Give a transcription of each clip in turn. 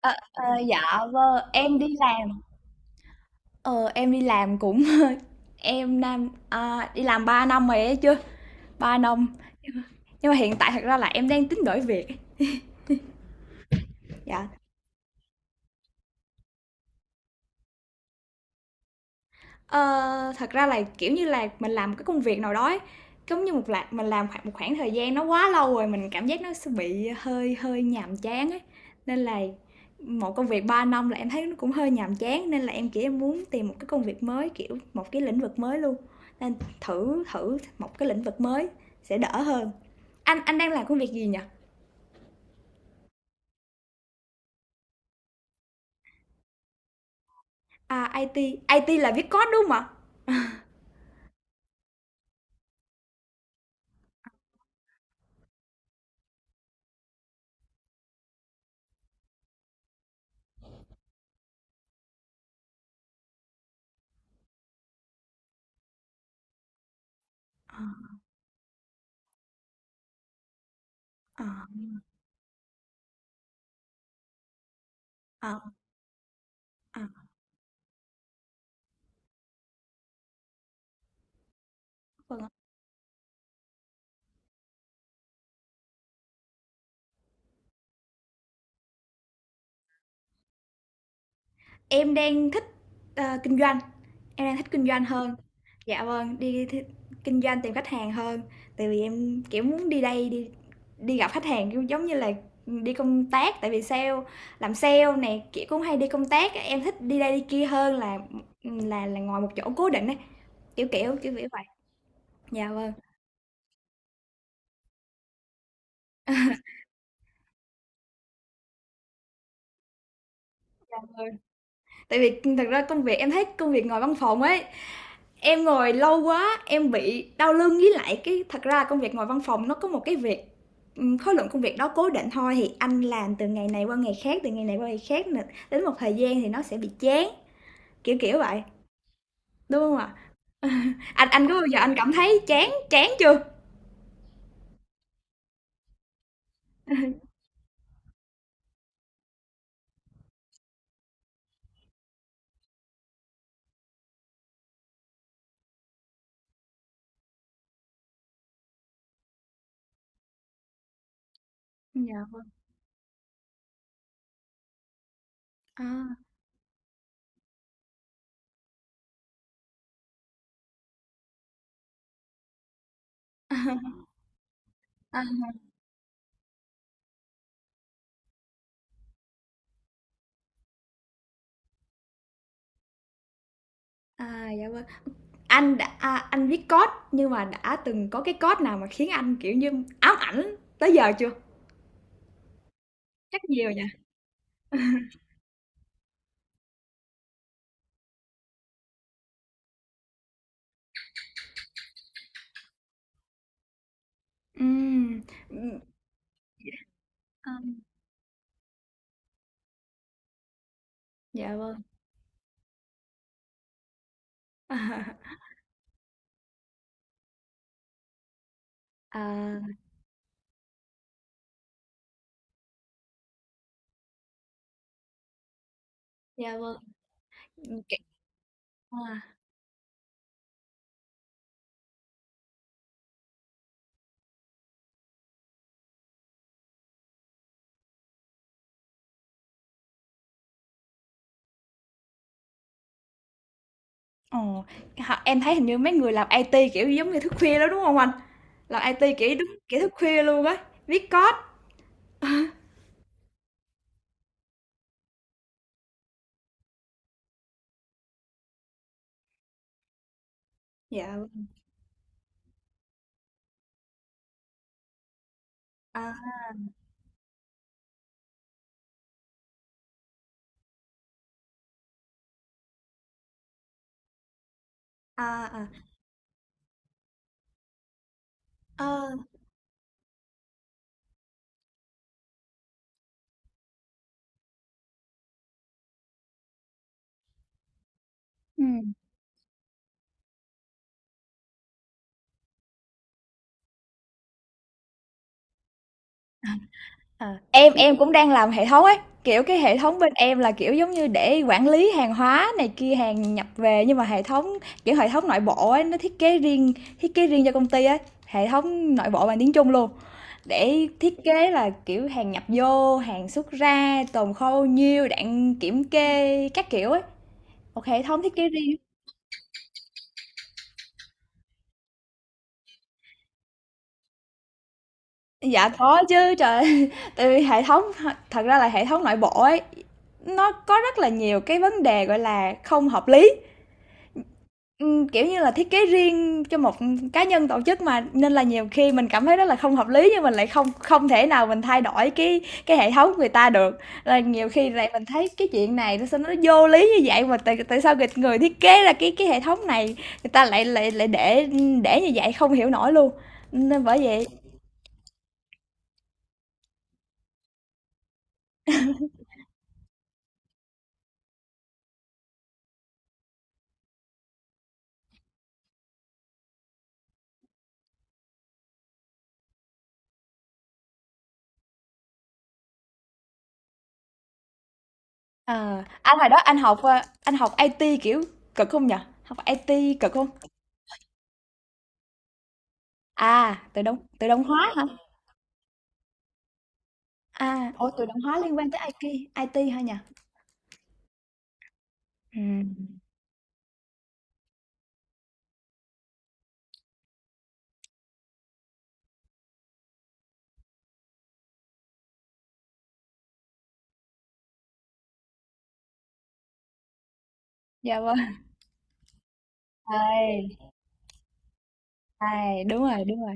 Ờ, dạ vâng em đi làm. Ờ em đi làm cũng em đang đi làm 3 năm rồi ấy chứ, 3 năm, nhưng mà hiện tại thật ra là em đang tính đổi việc. Dạ. Ờ, Thật ra là, kiểu như là, mình làm một cái công việc nào đó ấy, giống như một là mình làm khoảng một khoảng thời gian nó quá lâu rồi, mình cảm giác nó sẽ bị hơi hơi nhàm chán ấy. Nên là một công việc 3 năm là em thấy nó cũng hơi nhàm chán, nên là em, kiểu, em muốn tìm một cái công việc mới, kiểu, một cái lĩnh vực mới luôn, nên thử thử một cái lĩnh vực mới sẽ đỡ hơn. Anh đang làm công việc gì nhỉ? À, IT, IT là viết code, đúng không ạ? Ờ, ờ, ờ, ờ, vâng ạ. Em đang thích, kinh doanh. Em đang thích kinh doanh hơn. Dạ vâng, kinh doanh tìm khách hàng hơn. Tại vì em kiểu muốn đi đây đi đi gặp khách hàng kiểu giống như là đi công tác, tại vì sale, làm sale này kiểu cũng hay đi công tác, em thích đi đây đi kia hơn là là ngồi một chỗ cố định ấy, kiểu kiểu kiểu kiểu vậy. Dạ vâng. Dạ vâng, tại vì thật ra công việc, em thấy công việc ngồi văn phòng ấy, em ngồi lâu quá, em bị đau lưng. Với lại cái, thật ra công việc ngồi văn phòng nó có một cái việc, khối lượng công việc đó cố định thôi thì anh làm từ ngày này qua ngày khác, từ ngày này qua ngày khác nè, đến một thời gian thì nó sẽ bị chán, kiểu kiểu vậy, đúng không ạ? Anh có bao giờ anh cảm thấy chán chán chưa? Dạ. À. À, à, à, dạ vâng. Anh đã anh viết code nhưng mà đã từng có cái code nào mà khiến anh kiểu như ám ảnh tới giờ chưa? Chắc nhiều nhỉ? Ừm. Ừm. À, dạ vâng. À, dạ vâng, kiểu à. Ồ, họ em thấy hình như mấy người làm IT, kiểu, giống như thức khuya đó đúng không anh? Làm IT, kiểu, đúng kiểu thức khuya luôn á, viết code. Dạ vâng. À, à, à, ờ. Ừm. Ờ, em cũng đang làm hệ thống ấy, kiểu, cái hệ thống bên em là, kiểu, giống như để quản lý hàng hóa này kia, hàng nhập về, nhưng mà hệ thống, kiểu, hệ thống nội bộ ấy, nó thiết kế riêng, thiết kế riêng cho công ty ấy, hệ thống nội bộ bằng tiếng Trung luôn. Để thiết kế là, kiểu, hàng nhập vô, hàng xuất ra, tồn kho bao nhiêu, đạn kiểm kê các kiểu ấy. Một hệ thống thiết kế riêng. Dạ có chứ, trời. Tại vì hệ thống, thật ra là hệ thống nội bộ ấy, nó có rất là nhiều cái vấn đề, gọi là, không hợp lý. Kiểu như là, thiết kế riêng cho một cá nhân, tổ chức mà, nên là nhiều khi mình cảm thấy rất là không hợp lý nhưng mình lại không không thể nào mình thay đổi cái hệ thống người ta được. Là nhiều khi lại mình thấy cái chuyện này nó sao nó vô lý như vậy mà tại tại sao người người thiết kế ra cái hệ thống này người ta lại lại lại để như vậy, không hiểu nổi luôn. Nên bởi vậy ờ, anh hồi đó anh học, anh học IT, kiểu, cực không nhỉ? Học IT cực không? À, tự động hóa hả? À, ủa, tự động hóa liên quan tới IT, IT hả nhỉ? Ừm, dạ vâng. Thầy, thầy, Đúng rồi, đúng rồi.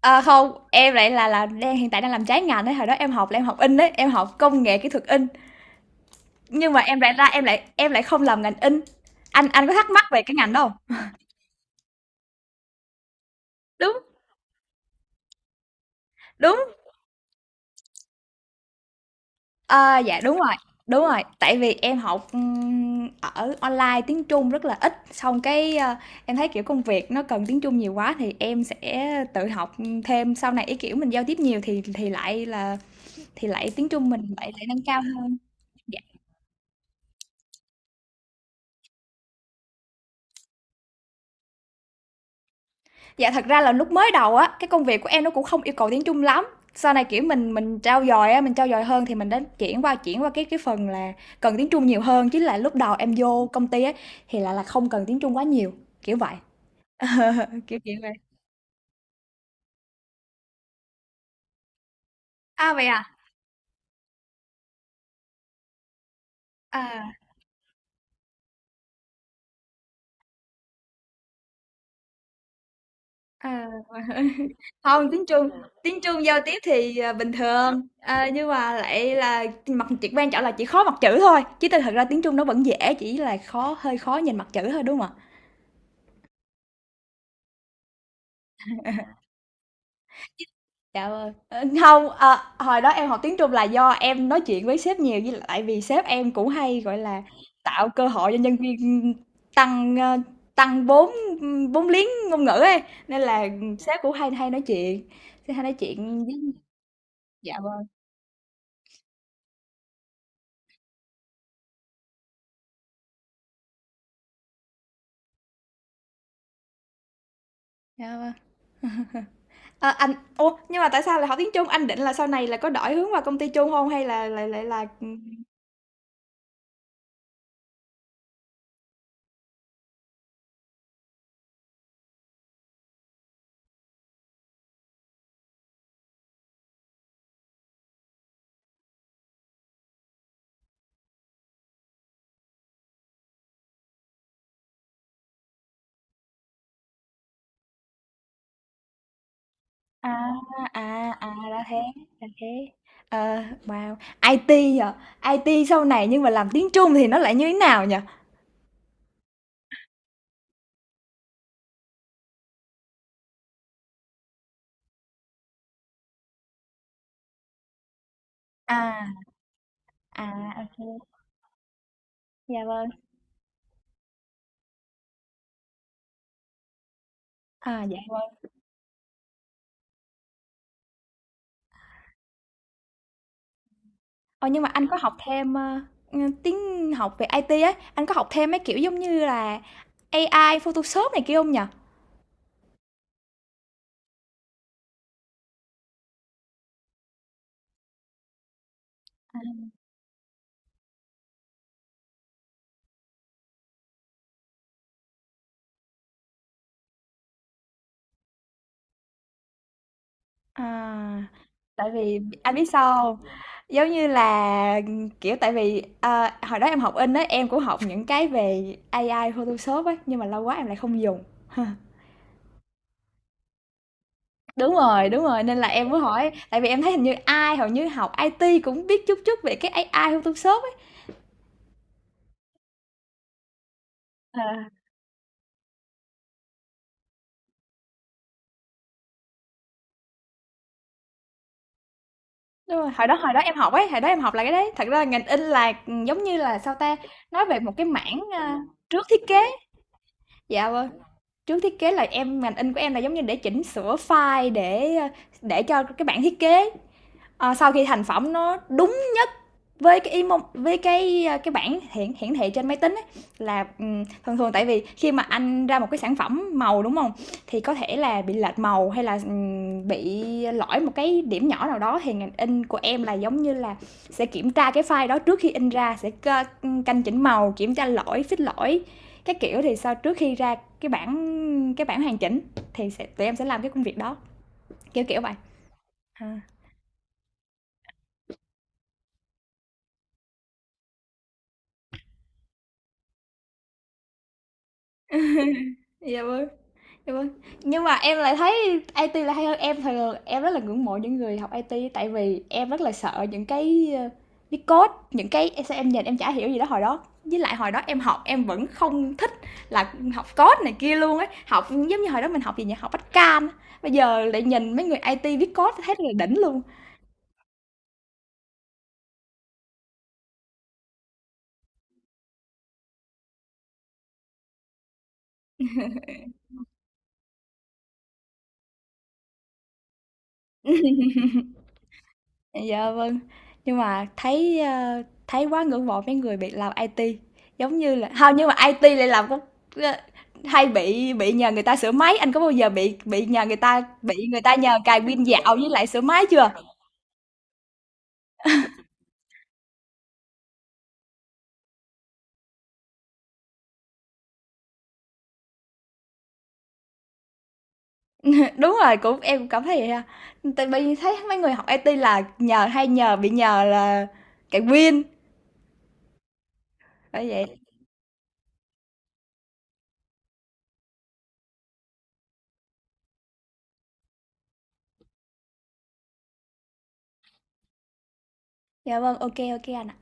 À, không, em lại là đang hiện tại đang làm trái ngành đấy, hồi đó em học là em học in đấy, em học công nghệ kỹ thuật in, nhưng mà em lại ra em lại em không làm ngành in. Anh có thắc mắc về cái ngành đó hông? Đúng, đúng, ờ, dạ đúng rồi, tại vì em học, ở online tiếng Trung rất là ít, xong cái, em thấy, kiểu, công việc nó cần tiếng Trung nhiều quá thì em sẽ tự học, thêm, sau này, ý kiểu, mình giao tiếp nhiều thì lại là thì lại tiếng Trung mình lại lại nâng cao hơn. Dạ. Dạ, thật ra là lúc mới đầu á, cái công việc của em nó cũng không yêu cầu tiếng Trung lắm. Sau này, kiểu, mình trau dồi á, mình trau dồi hơn thì mình đã chuyển qua cái phần là cần tiếng Trung nhiều hơn, chứ là lúc đầu em vô công ty á, thì lại là không cần tiếng Trung quá nhiều, kiểu vậy. Kiểu, kiểu vậy. À, vậy à? À. À. Hông, tiếng Trung giao tiếp thì, bình thường, nhưng mà lại là mặt chỉ quan trọng là chỉ khó mặt chữ thôi, chứ tinh thật ra tiếng Trung nó vẫn dễ, chỉ là khó hơi khó nhìn mặt chữ thôi, đúng không ạ? Trời ơi, hông, hồi đó em học tiếng Trung là do em nói chuyện với sếp nhiều, với lại vì sếp em cũng hay, gọi là, tạo cơ hội cho nhân viên, tăng, tăng vốn, ưm, vốn liếng ngôn ngữ ấy, nên là, sếp cũng hay hay nói chuyện, sẽ hay nói chuyện với. Dạ vâng, dạ vâng. Ờ, anh ủa, nhưng mà tại sao lại học tiếng Trung? Anh định là sau này là có đổi hướng vào công ty Trung không hay là lại lại là. À, à, à, ra thế, là thế. Ờ, wow, IT à? IT sau này nhưng mà làm tiếng Trung thì nó lại như thế nào nhỉ? À, à, ok dạ vâng. À, dạ vâng. Ờ, nhưng mà anh có học thêm, ưm, tiếng học về IT ấy, anh có học thêm mấy kiểu giống như là AI, Photoshop này kia không nhỉ? À, tại vì anh biết sao. Giống như là, kiểu, tại vì, hồi đó em học in á, em cũng học những cái về AI Photoshop ấy, nhưng mà lâu quá em lại không dùng. Đúng rồi, nên là em mới hỏi, tại vì em thấy hình như ai hầu như học IT cũng biết chút chút về cái AI Photoshop ấy. Ờ, đúng rồi, hồi đó em học ấy, hồi đó em học là cái đấy. Thật ra ngành in là, giống như là, sao ta, nói về một cái mảng, a, trước thiết kế. Dạ vâng, trước thiết kế là em, ngành in của em là giống như để chỉnh sửa file để, để cho cái bản thiết kế, à, sau khi thành phẩm nó đúng nhất với cái emo với cái cái bảng hiển hiển thị trên máy tính ấy, là ừ, thường thường tại vì khi mà anh ra một cái sản phẩm màu đúng không, thì có thể là bị lệch màu hay là ừ, bị lỗi một cái điểm nhỏ nào đó thì ngành in của em là giống như là sẽ kiểm tra cái file đó trước khi in ra, sẽ canh chỉnh màu, kiểm tra lỗi, fix lỗi các kiểu, thì sau trước khi ra cái bản hoàn chỉnh thì sẽ tụi em sẽ làm cái công việc đó, kiểu kiểu vậy. À. Dạ vâng. Dạ vâng. Nhưng mà em lại thấy IT là hay hơn, em thường em rất là ngưỡng mộ những người học IT, tại vì em rất là sợ những cái viết code, những cái em nhìn em chả hiểu gì đó hồi đó, với lại hồi đó em học em vẫn không thích là học code này kia luôn ấy, học giống như hồi đó mình học gì nhỉ, học bách can, bây giờ lại nhìn mấy người IT viết code thấy rất là đỉnh luôn. Dạ vâng, nhưng mà thấy, thấy quá ngưỡng mộ mấy người bị làm IT, giống như là không, nhưng mà IT lại làm cũng hay bị nhờ người ta sửa máy, anh có bao giờ bị nhờ người ta bị người ta nhờ cài pin dạo với lại sửa máy chưa? Đúng rồi, cũng em cũng cảm thấy vậy ha. Tại vì thấy mấy người học IT là nhờ hay nhờ bị nhờ là cài pin. Bởi vậy. Dạ vâng, ok ok anh ạ.